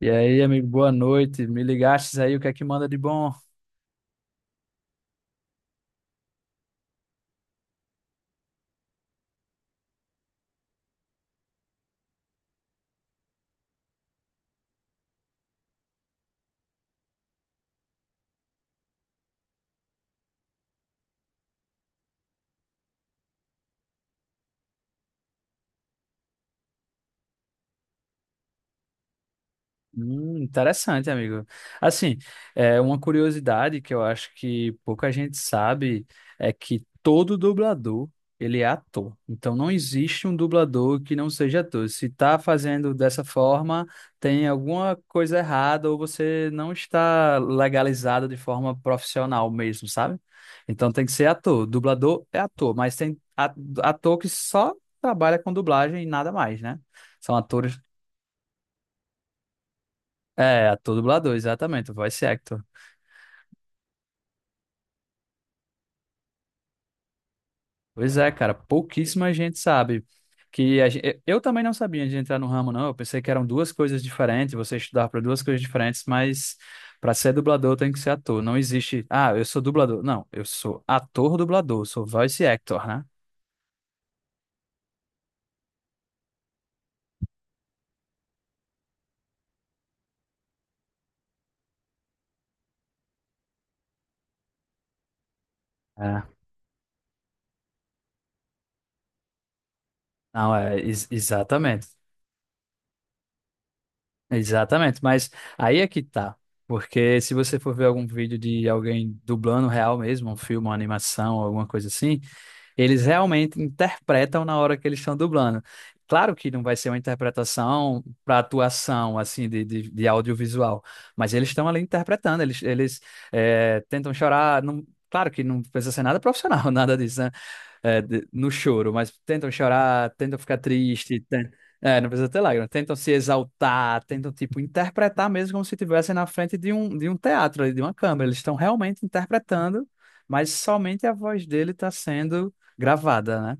E aí, amigo, boa noite. Me ligastes aí, o que é que manda de bom? Interessante, amigo. Assim, é uma curiosidade que eu acho que pouca gente sabe é que todo dublador, ele é ator. Então não existe um dublador que não seja ator. Se está fazendo dessa forma, tem alguma coisa errada ou você não está legalizado de forma profissional mesmo, sabe? Então tem que ser ator. Dublador é ator, mas tem ator que só trabalha com dublagem e nada mais, né? São atores, é, ator dublador, exatamente, voice actor. Pois é, cara, pouquíssima gente sabe. Que eu também não sabia de entrar no ramo, não. Eu pensei que eram duas coisas diferentes, você estudava para duas coisas diferentes, mas para ser dublador tem que ser ator. Não existe, ah, eu sou dublador. Não, eu sou ator dublador, sou voice actor, né? É. Não, é, exatamente. Exatamente, mas aí é que tá. Porque se você for ver algum vídeo de alguém dublando real mesmo, um filme, uma animação, alguma coisa assim, eles realmente interpretam na hora que eles estão dublando. Claro que não vai ser uma interpretação para atuação, assim, de audiovisual, mas eles estão ali interpretando, tentam chorar. Claro que não precisa ser nada profissional, nada disso, né? É, no choro, mas tentam chorar, tentam ficar triste, é, não precisa ter lágrimas, tentam se exaltar, tentam, tipo, interpretar mesmo como se estivessem na frente de um teatro, ali, de uma câmera. Eles estão realmente interpretando, mas somente a voz dele está sendo gravada, né?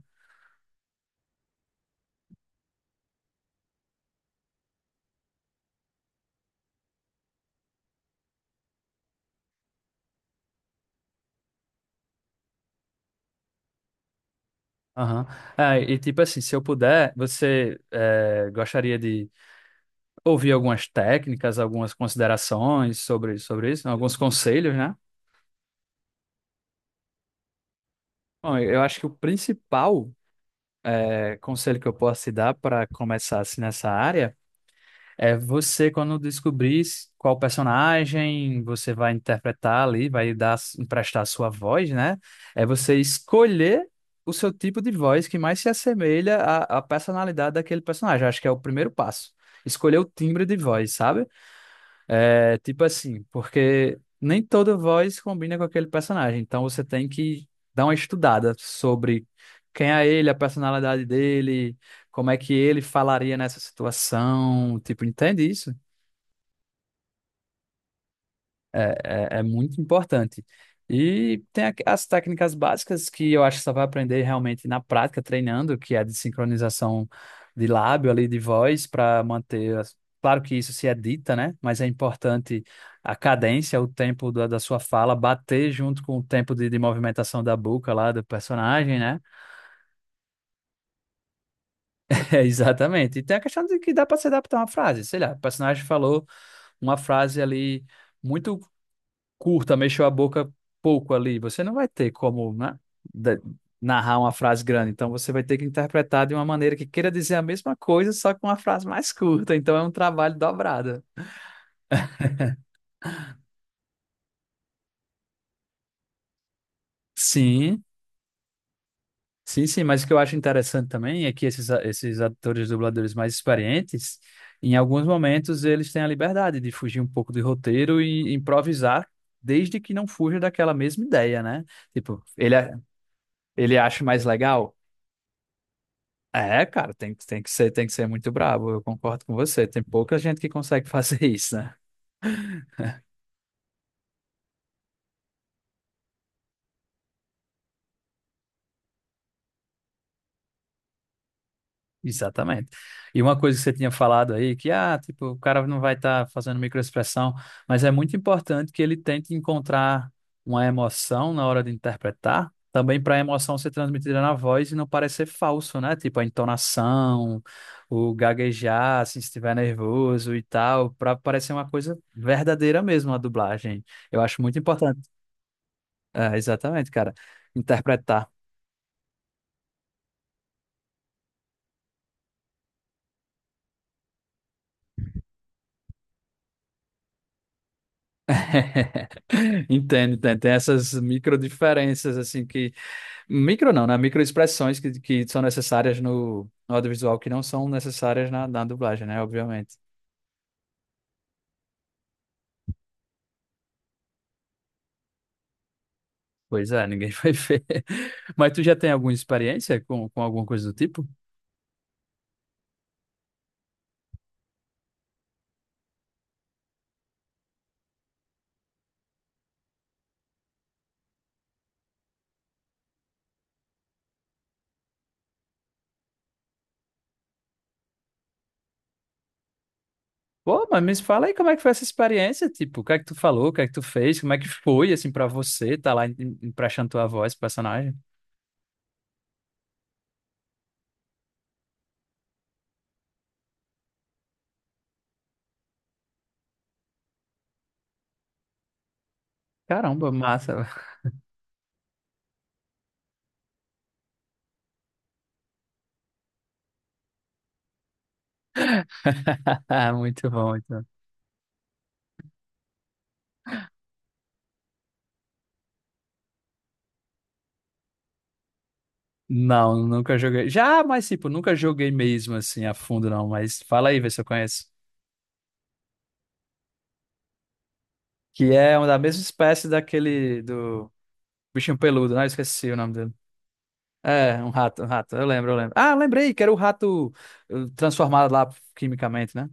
Aham. É, e tipo assim, se eu puder, você é, gostaria de ouvir algumas técnicas, algumas considerações sobre, sobre isso, alguns conselhos, né? Bom, eu acho que o principal é, conselho que eu posso te dar para começar assim nessa área é você, quando descobrir qual personagem você vai interpretar ali, vai dar, emprestar a sua voz, né? É você escolher o seu tipo de voz que mais se assemelha à, à personalidade daquele personagem. Acho que é o primeiro passo. Escolher o timbre de voz, sabe? É, tipo assim, porque nem toda voz combina com aquele personagem, então você tem que dar uma estudada sobre quem é ele, a personalidade dele, como é que ele falaria nessa situação, tipo, entende isso? É muito importante. E tem as técnicas básicas que eu acho que só vai aprender realmente na prática, treinando, que é de sincronização de lábio ali, de voz, para manter. Claro que isso se edita, né? Mas é importante a cadência, o tempo da sua fala bater junto com o tempo de movimentação da boca lá do personagem, né? É, exatamente. E tem a questão de que dá para se adaptar a uma frase. Sei lá, o personagem falou uma frase ali. Muito curta, mexeu a boca pouco ali, você não vai ter como, né, da- narrar uma frase grande. Então você vai ter que interpretar de uma maneira que queira dizer a mesma coisa, só com uma frase mais curta. Então é um trabalho dobrado. Sim, sim. Mas o que eu acho interessante também é que esses, esses atores dubladores mais experientes, em alguns momentos, eles têm a liberdade de fugir um pouco do roteiro e improvisar. Desde que não fuja daquela mesma ideia, né? Tipo, ele acha mais legal? É, cara, tem que ser muito brabo, eu concordo com você. Tem pouca gente que consegue fazer isso, né? Exatamente. E uma coisa que você tinha falado aí, que ah, tipo, o cara não vai estar fazendo microexpressão, mas é muito importante que ele tente encontrar uma emoção na hora de interpretar, também para a emoção ser transmitida na voz e não parecer falso, né? Tipo, a entonação, o gaguejar, assim, se estiver nervoso e tal, para parecer uma coisa verdadeira mesmo a dublagem. Eu acho muito importante. É, exatamente, cara. Interpretar. Entendo, entendo. Tem essas micro diferenças, assim, que. Micro não, né? Micro expressões que são necessárias no, no audiovisual, que não são necessárias na dublagem, né? Obviamente. Pois é, ninguém vai ver. Mas tu já tem alguma experiência com alguma coisa do tipo? Pô, mas me fala aí como é que foi essa experiência, tipo, o que é que tu falou, o que é que tu fez, como é que foi, assim, pra você, tá lá emprestando tua voz, pro personagem? Caramba, massa. Muito bom, muito bom. Não, nunca joguei. Já, mas tipo, nunca joguei mesmo assim a fundo, não. Mas fala aí, vê se eu conheço. Que é uma da mesma espécie daquele do bichinho peludo, né? Eu esqueci o nome dele. É, um rato, um rato. Eu lembro, eu lembro. Ah, eu lembrei que era o rato transformado lá quimicamente, né?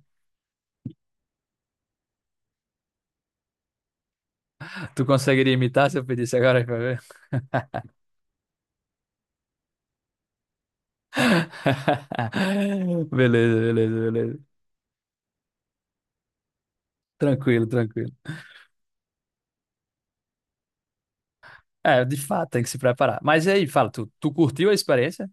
Tu conseguiria imitar se eu pedisse agora pra ver? Beleza, beleza, beleza. Tranquilo, tranquilo. É, de fato, tem que se preparar. Mas e aí, fala, tu, tu curtiu a experiência?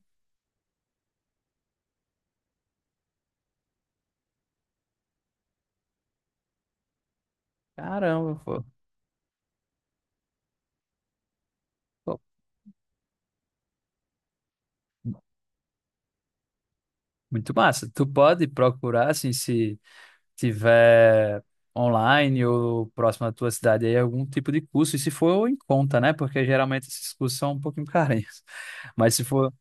Caramba, pô. Pô, muito massa. Tu pode procurar, assim, se tiver online ou próximo da tua cidade aí, algum tipo de curso, e se for em conta, né? Porque geralmente esses cursos são um pouquinho carinhos. Mas se for...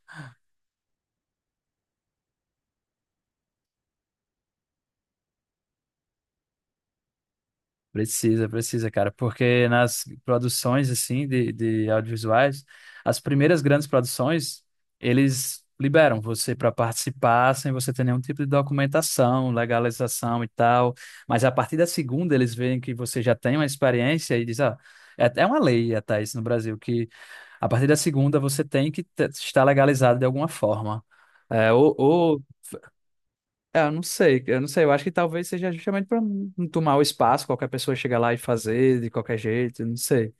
Precisa, precisa, cara, porque nas produções assim de audiovisuais, as primeiras grandes produções, eles liberam você para participar sem você ter nenhum tipo de documentação, legalização e tal. Mas a partir da segunda, eles veem que você já tem uma experiência e diz, ah, é até uma lei até isso no Brasil, que a partir da segunda você tem que estar legalizado de alguma forma. É, ou é, eu não sei, eu não sei. Eu acho que talvez seja justamente para não tomar o espaço, qualquer pessoa chega lá e fazer de qualquer jeito, eu não sei.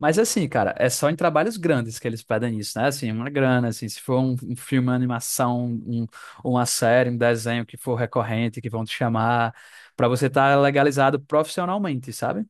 Mas assim, cara, é só em trabalhos grandes que eles pedem isso, né? Assim, uma grana, assim, se for um filme, uma animação, uma série, um desenho que for recorrente, que vão te chamar, para você estar legalizado profissionalmente, sabe?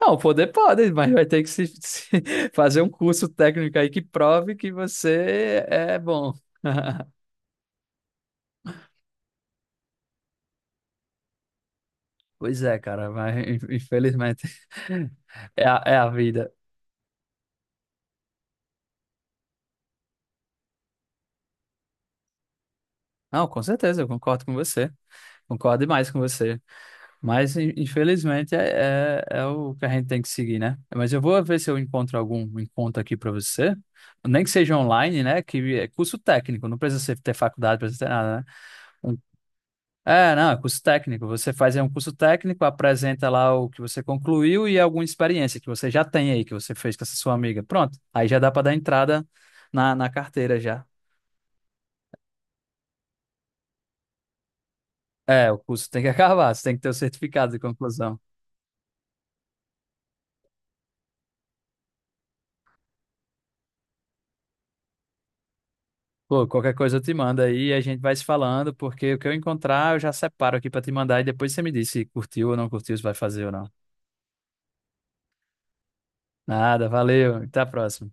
Não, poder pode, mas vai ter que se, se fazer um curso técnico aí que prove que você é bom. Pois é, cara, mas infelizmente é a, é a vida. Não, com certeza, eu concordo com você. Concordo demais com você. Mas infelizmente é o que a gente tem que seguir, né? Mas eu vou ver se eu encontro algum encontro aqui para você. Nem que seja online, né? Que é curso técnico, não precisa ter faculdade, não precisa ter nada, né? É, não, é curso técnico. Você faz aí um curso técnico, apresenta lá o que você concluiu e alguma experiência que você já tem aí, que você fez com essa sua amiga. Pronto, aí já dá para dar entrada na carteira já. É, o curso tem que acabar, você tem que ter o certificado de conclusão. Pô, qualquer coisa eu te mando aí e a gente vai se falando, porque o que eu encontrar eu já separo aqui para te mandar e depois você me diz se curtiu ou não curtiu, se vai fazer ou não. Nada, valeu, até a próxima.